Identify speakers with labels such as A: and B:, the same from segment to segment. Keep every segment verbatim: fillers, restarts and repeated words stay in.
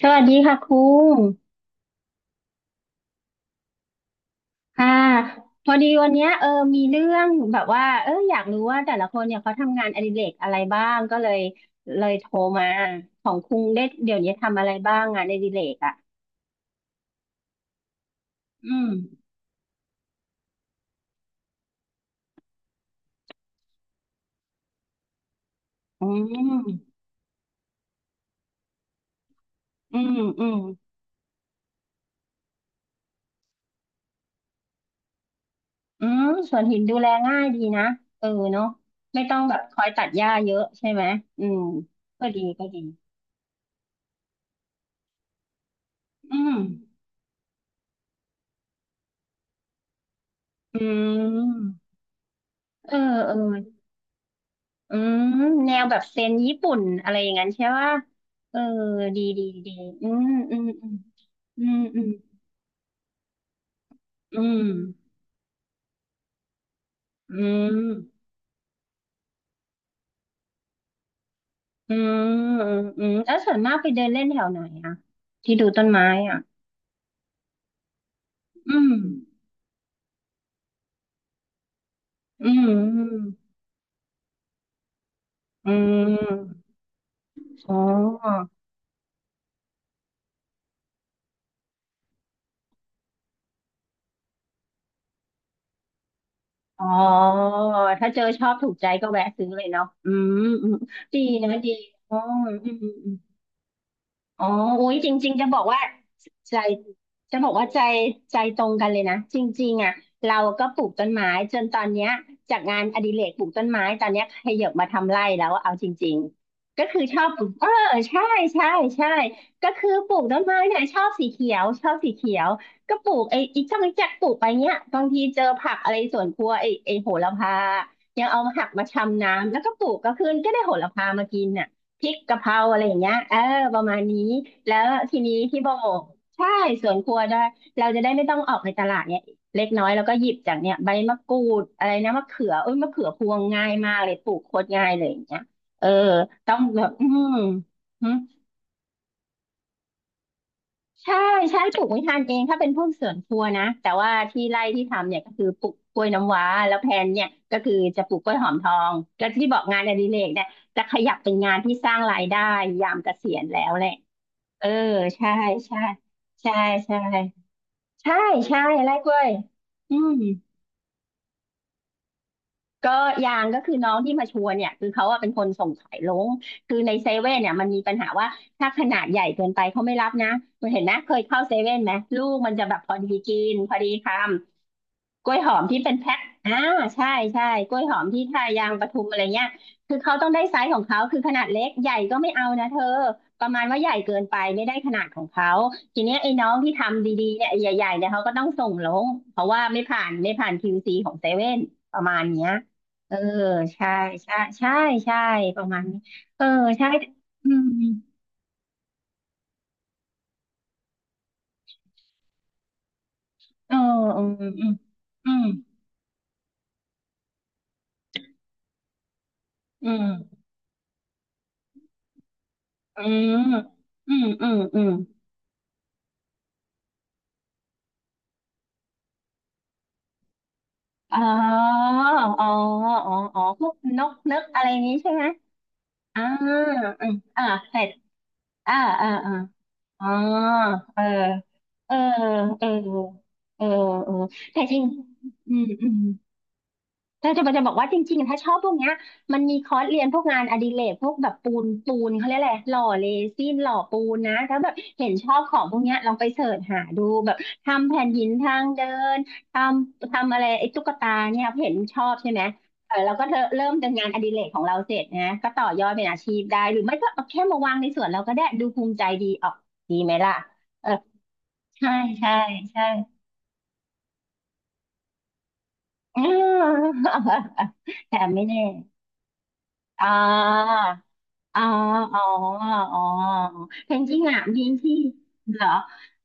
A: สวัสดีค่ะครูค่ะ พอดีวันเนี้ยเออมีเรื่องแบบว่าเอออยากรู้ว่าแต่ละคนเนี่ยเขาทำงานอดิเรกอะไรบ้างก็เลยเลยโทรมาของครูได้เดี๋ยวนี้ทำอะไรบ้างงานอดิเรกอ่ะอืมอืมอืมอืมอืมสวนหินดูแลง่ายดีนะเออเนาะไม่ต้องแบบคอยตัดหญ้าเยอะใช่ไหมอืมก็ดีก็ดีอืมอืมเออเออ อืมแนวแบบเซนญี่ปุ่นอะไรอย่างนั้นใช่ว่าเออดีดีดีอืมอืมอืมอืมอืมอืมอืมอืมอืมแล้วส่วนมากไปเดินเล่นแถวไหนอะที่ดูต้นไม้อะอืมอืมอืมอ๋ออ๋อถ้าเจอชอบถูกใจก็แวะซื้อเลยเนาะอืมอืมดีนะดีอ๋ออืม อ๋ออุ้ยจริงๆจะบอกว่าใจจะบอกว่าใจใจตรงกันเลยนะ จริงๆอ่ะเราก็ปลูกต้นไม้จนตอนเนี้ยจากงานอดิเรกปลูกต้นไม้ตอนเนี้ยขยับมาทำไร่แล้วเอาจริงๆ ก็คือชอบปลูก เออใช่ใช่ใช่ก็คือปลูกต้นไม้เนี่ยชอบสีเขียวชอบสีเขียว ก็ปลูกไอ้อีช่างจักปลูกไปเนี้ยบางทีเจอผักอะไรสวนครัวไอ้ไอ้โหระพายังเอามาหักมาชำน้ำแล้วก็ปลูกก็ขึ้นก็ได้โหระพามากินอ่ะ พริกกะเพราอะไรอย่างเงี้ยเออประมาณนี้แล้วทีนี้พี่โบใช่สวนครัวได้เราจะได้ไม่ต้องออกไปตลาดเนี่ยเล็กน้อยแล้วก็หยิบจากเนี่ยใบมะกรูดอะไรนะมะเขือเอ้ยมะเขือพวงง่ายมากเลยปลูกโคตรง่ายเลยอย่างเงี้ยเออต้องแบบอืมหึใช่ใช่ปลูกไม่ทานเองถ้าเป็นพวกสวนครัวนะแต่ว่าที่ไร่ที่ทำเนี่ยก็คือปลูกกล้วยน้ำว้าแล้วแพลนเนี่ยก็คือจะปลูกกล้วยหอมทอง แล้วที่บอกงานอดิเรกเนี่ยจะขยับเป็นงานที่สร้างรายได้ยามเกษียณแล้วแหละ เออใช่ใช่ใช่ใช่ใช่ใช่ไร่กล้วยอืมก็ยางก็คือน้องที่มาชวนเนี่ยคือเขาอะเป็นคนส่งขายลงคือในเซเว่นเนี่ยมันมีปัญหาว่าถ้าขนาดใหญ่เกินไปเขาไม่รับนะมันเห็นนะเคยเข้าเซเว่นไหมลูกมันจะแบบพอดีกินพอดีคำ กล้วยหอมที่เป็นแพ็คอ่าใช่ใช่กล้วยหอมที่ทายางปทุมอะไรเงี้ยคือเขาต้องได้ไซส์ของเขาคือขนาดเล็กใหญ่ก็ไม่เอานะเธอประมาณว่าใหญ่เกินไปไม่ได้ขนาดของเขาทีเนี้ยไอ้น้องที่ทำดีๆเนี่ยไอ้ใหญ่ๆเนี่ยเขาก็ต้องส่งลงเพราะว่าไม่ผ่านไม่ผ่านคิวซีของเซเว่นประมาณเนี้ยเออใช่ใช่ใช่ใช่ประมาณนี้เออใช่อืมเอออืมอืมอืมอืมอืมอืมอืมอืม อ๋ออ๋ออ๋ออ๋อพวกนกนึกอะไรนี้ใช่ไหม อ่าอืมอ่าเสร็จอ่าอ่าอ่าอ๋อเออเออเออเออเออแต่จริงอืมอืม ถ้าจะมันจะบอกว่าจริงๆถ้าชอบพวกเนี้ยมันมีคอร์สเรียนพวกงานอดิเรกพวกแบบปูนปูนเขาเรียกอะไรหล่อเรซินหล่อปูนนะถ้าแบบเห็นชอบของพวกเนี้ยลองไปเสิร์ชหาดูแบบทำแผ่นหินทางเดินทำทำอะไรไอ้ตุ๊กตาเนี่ยเห็นชอบใช่ไหมเออเราก็เธิ่มเริ่มจากงานอดิเรกของเราเสร็จนะก็ต่อยอดเป็นอาชีพได้หรือไม่ก็เอาแค่มาวางในสวนเราก็ได้ดูภูมิใจดีออกดีไหมล่ะเออใช่ใช่ใช่ อืม แต่ไม่แน่อ่า อ๋ออ๋ออ๋อแต่จริงๆอ่ะมีที่เหรอ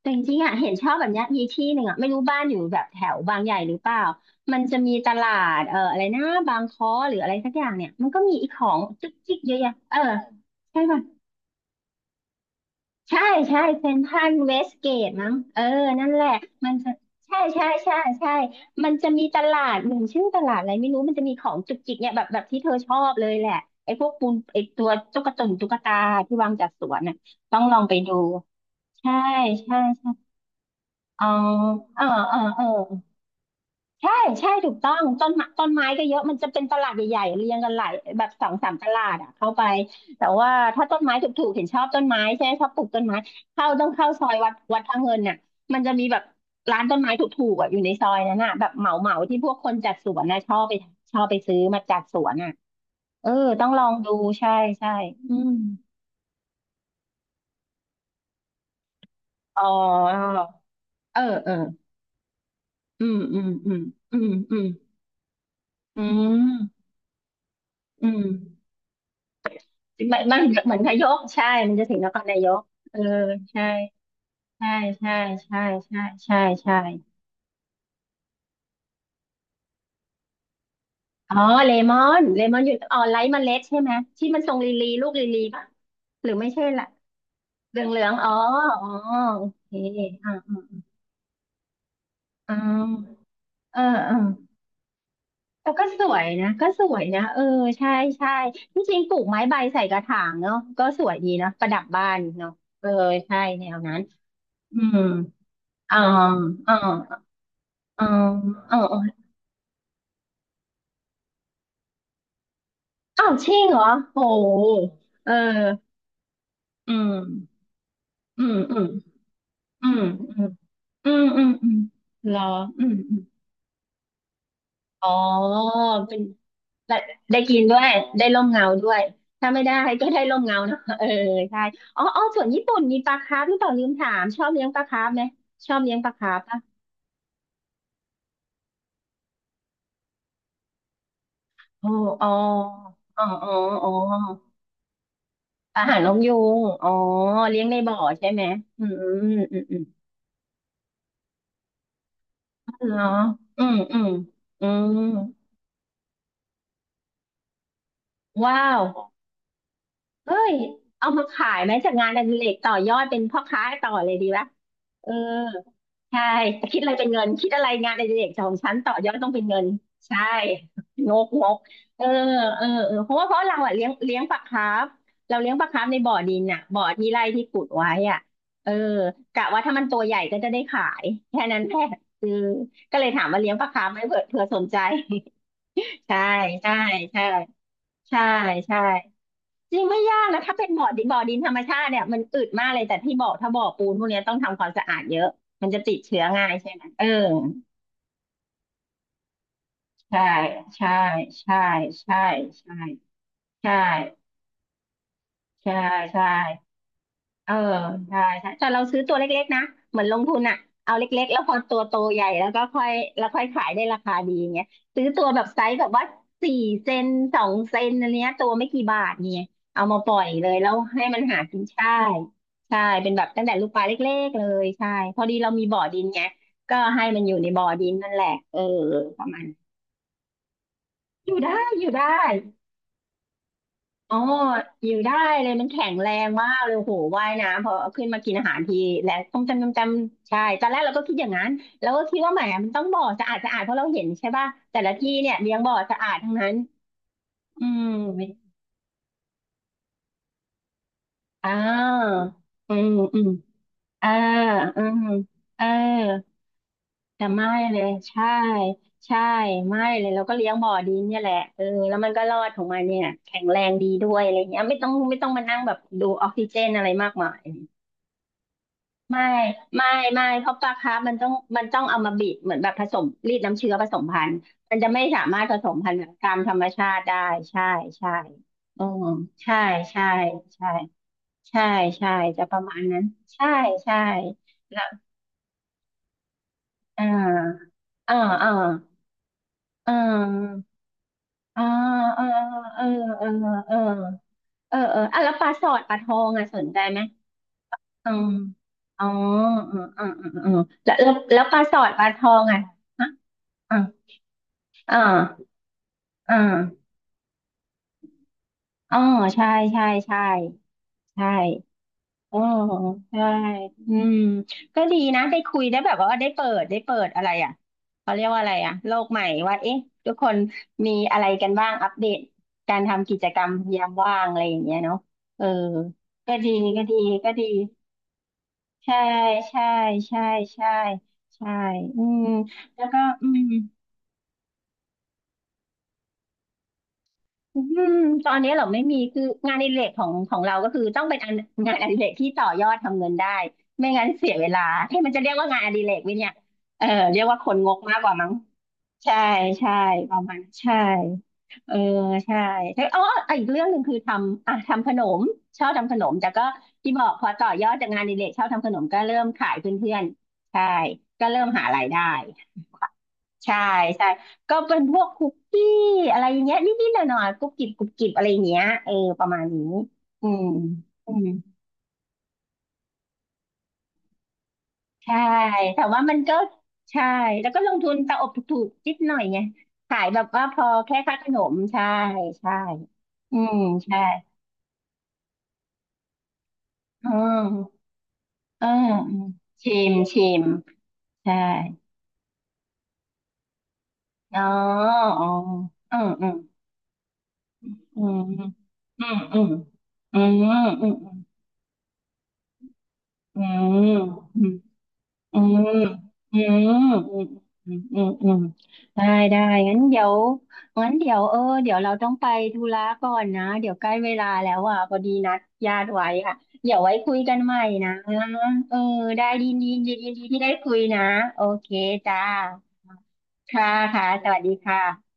A: แต่จริงๆอ่ะเห็นชอบแบบเนี้ยมีที่หนึ่งอ่ะไม่รู้บ้านอยู่แบบแถวบางใหญ่หรือเปล่า มันจะมีตลาดเอ่ออะไรนะบางค้อหรืออะไรสักอย่างเนี่ยมันก็มีอีของจุกจิกเยอะแยะเออใช่ป่ะ ใช่ใช่เซ็นทรัลเวสเกตมั้งเออนั่นแหละมันจะใช่ใช่ใช่ใช่มันจะมีตลาดหนึ่งชื่อตลาดอะไรไม่รู้มันจะมีของจุกจิกเนี่ยแบบแบบที่เธอชอบเลยแหละไอ้พวกปูนไอ้ตัวตุ๊กตาตุ๊กตาที่วางจัดสวนน่ะต้องลองไปดูใช่ใช่ใช่อ๋อเออเออเออ ใช่ใช่ถูกต้องต้นไม้ต้นไม้ก็เยอะมันจะเป็นตลาดใหญ่ๆเรียงกันหลายแบบสองสามตลาดอ่ะเข้าไปแต่ว่าถ้าต้นไม้ถูกๆเห็นชอบต้นไม้ใช่ไหมชอบปลูกต้นไม้เข้าต้องเข้าซอยวัดวัดพระเงินน่ะมันจะมีแบบร้านต้นไม้ถูกๆอ่ะอยู่ในซอยนั้นน่ะแบบเหมาเหมาที่พวกคนจัดสวนน่ะชอบไปชอบไปซื้อมาจัดสวนน่ะเออต้องลองดูใช่ใช่อืมอ๋อเออเอออืมอืมอืมอืมอืมอืมอืม มันมันเหมือนนายกใช่มันจะถึงนครนายกเออใช่ใช่ใช่ใช่ใช่ใช่ใช่อ๋อเลมอนเลมอนอยู่อ๋อไร้เมล็ดใช่ไหมที่มันทรงลีลีลูกลีลีป่ะหรือไม่ใช่ละเหลืองเหลืองอ๋ออ๋อโอเคอ่าอ๋อเออเออแต่ก็สวยนะก็สวยนะเออใช่ใช่ที่จริงปลูกไม้ใบใส่กระถางเนาะก็สวยดีนะประดับบ้านเนาะเออใช่แนวนั้นอืมอ๋ออ๋ออ๋ออ๋อ อ้าวชิ่งเหรอโหเอออืมอืมอืมอืมอืมอืมอืมอืมเหรออืมอืมอ๋อเป็นได้ได้กินด้วยได้ร่มเงาด้วยถ้าไม่ได้ก็ได้ร่มเงาเนอะ เออใช่อ๋ออ๋อส่วนญี่ปุ่นมีปลาคาร์ฟหรือเปล่าลืมถามชอบเลี้ยงปลาคาร์ฟไหมชอบเลี้ยงปลาคาร์ฟปะโอ้อ๋ออ๋ออ๋ออ๋ออาหารนกยูงอ๋อเลี้ยงในบ่อใช่ไหมอืมอืมอืมอืมเหรออืมอืมอืม ว้าวเฮ้ยเอามาขายไหมจากงานอดิเรกต่อยอดเป็นพ่อค้าต่อเลยดีปะเออใช่แต่คิดอะไรเป็นเงินคิดอะไรงานอดิเรกของฉันต่อยอดต้องเป็นเงินใช่งกงกเออเออเออเพราะว่าเพราะเราอะเลี้ยงเลี้ยงปลาคาร์ฟเราเลี้ยงปลาคาร์ฟในบ่อดินอะบ่อที่ไร่ที่ขุดไว้อะเออกะว่าถ้ามันตัวใหญ่ก็จะได้ขายแค่นั้นแค่เออก็เลยถามว่าเลี้ยงปลาคาร์ฟไหมเผื่อเผื่อสนใจ ใช่ใช่ใช่ใช่ใช่ จริงไม่ยากนะถ้าเป็นบ่อดินบ่อดินธรรมชาติเนี่ยมันอึดมากเลยแต่ที่บ่อถ้าบ่อปูนพวกเนี้ยต้องทำความสะอาดเยอะมันจะติดเชื้อง่ายใช่ไหมเออใช่ใช่ใช่ใช่ใช่ใช่ใช่ใช่ เออใช่ใช่แต่เราซื้อตัวเล็กๆนะเหมือนลงทุนอ่ะเอาเล็กๆแล้วพอตัวโตใหญ่แล้วก็ค่อยแล้วค่อยขายได้ราคาดีอย่างเงี้ยซื้อตัวแบบไซส์แบบว่าสี่เซนสองเซนอะไรเงี้ยตัวไม่กี่บาทเนี่ยเอามาปล่อยเลยแล้วให้มันหากินใช่ใช่เป็นแบบตั้งแต่ลูกปลาเล็กๆเลยใช่พอดีเรามีบ่อดินไงก็ให้มันอยู่ในบ่อดินนั่นแหละเออประมาณอยู่ได้อยู่ได้ อ๋ออยู่ได้เลยมันแข็งแรงมากเลยโหว่ายน้ำพอขึ้นมากินอาหารทีแล้วต้มจำต้จำใช่ตอนแรกเราก็คิดอย่างนั้นเราก็คิดว่าแหมมันต้องบ่อสะอาดสะอาดเพราะเราเห็นใช่ป่ะแต่ละที่เนี่ยเลี้ยงบ่อสะอาดทั้งนั้นอืมอ่าอืมอืมเอออืมเออแต่ไม่เลยใช่ใช่ไม่เลยเราก็เลี้ยงบ่อดินเนี่ยแหละเออแล้วมันก็รอดของมันเนี่ยแข็งแรงดีด้วยอะไรเงี้ยไม่ต้องไม่ต้องมานั่งแบบดูออกซิเจนอะไรมากมาย ไม่ไม่ ไม่ เพราะปลาคาร์ฟมันต้องมันต้องเอามาบีบเหมือนแบบผสมรีดน้ำเชื้อผสมพันธุ์มันจะไม่สามารถผสมพันธุ์แบบตามธรรมชาติได้ใช่ใช่อืมใช่ใช่ใช่ใช่ใช่จะประมาณนั้นใช่ใช่แล้วเอ่าอ่าอ่าอ่าอ่าอ่าเออเออเออเออเอออ่ะแล้วปลาสอดปลาทองอ่ะสนใจไหมอืมอ๋ออืมอืมอืมอืมแล้วแล้วแล้วปลาสอดปลาทองอ่ะ อ่าอ่าอ่าอ๋อใช่ใช่ใช่ใช่อ๋อใช่อืมก็ดีนะได้คุยได้แบบว่าได้เปิดได้เปิดอะไรอ่ะเขาเรียกว่าอะไรอ่ะโลกใหม่ว่าเอ๊ะทุกคนมีอะไรกันบ้างอัปเดตการทำกิจกรรมยามว่างอะไรอย่างเงี้ยเนาะเออก็ดีก็ดีก็ดีใช่ใช่ใช่ใช่ใช่อืมแล้วก็อืม อืมตอนนี้เราไม่มีคืองานอดิเรกของของเราก็คือต้องเป็นอันงานอดิเรกที่ต่อยอดทำเงินได้ไม่งั้นเสียเวลาให้มันจะเรียกว่างานอดิเรกไหมเนี่ยเออเรียกว่าคนงกมากกว่ามั้งใช่ใช่ประมาณนั้นใช่เออใช่เอ้ยอ๋ออีกเรื่องหนึ่งคือทำอ่ะทำขนมชอบทำขนมแต่ก็ที่บอกพอต่อยอดจากงานอดิเรกชอบทำขนมก็เริ่มขายเพื่อนๆใช่ก็เริ่มหารายได้ ใช่ใช่ก็เป็นพวกคุกกี้อะไรอย่างเงี้ยนิดๆหน่อยๆกรุบกริบกรุบกริบอะไรอย่างเงี้ยเออประมาณนี้อืมอืมใช่แต่ว่ามันก็ใช่แล้วก็ลงทุนตะอบถูกๆนิดหน่อยไงขายแบบว่าพอแค่ค่าขนมใช่ใช่อืมใช่อืมเอออืมชิมชิมใช่อ๋ออ๋ออืมอืมอืมอืมอืมอืมอืมอืมอืมอืม อืมอืมอืมอืมอืมอืมได้ ได้งั้นเดี๋ยวงั้นเดี๋ยวเออเดี๋ยวเราต้องไปธุระก่อนนะ เดี๋ยวใกล้เวลาแล้วอ่ะพอดีนัดญาติไว้อ่ะ เดี๋ยวไว้คุยกันใหม่นะเออได้ดีดีดีดีดีที่ได้คุยนะ โอเคจ้า ค่ะค่ะสวัสดีค่ะ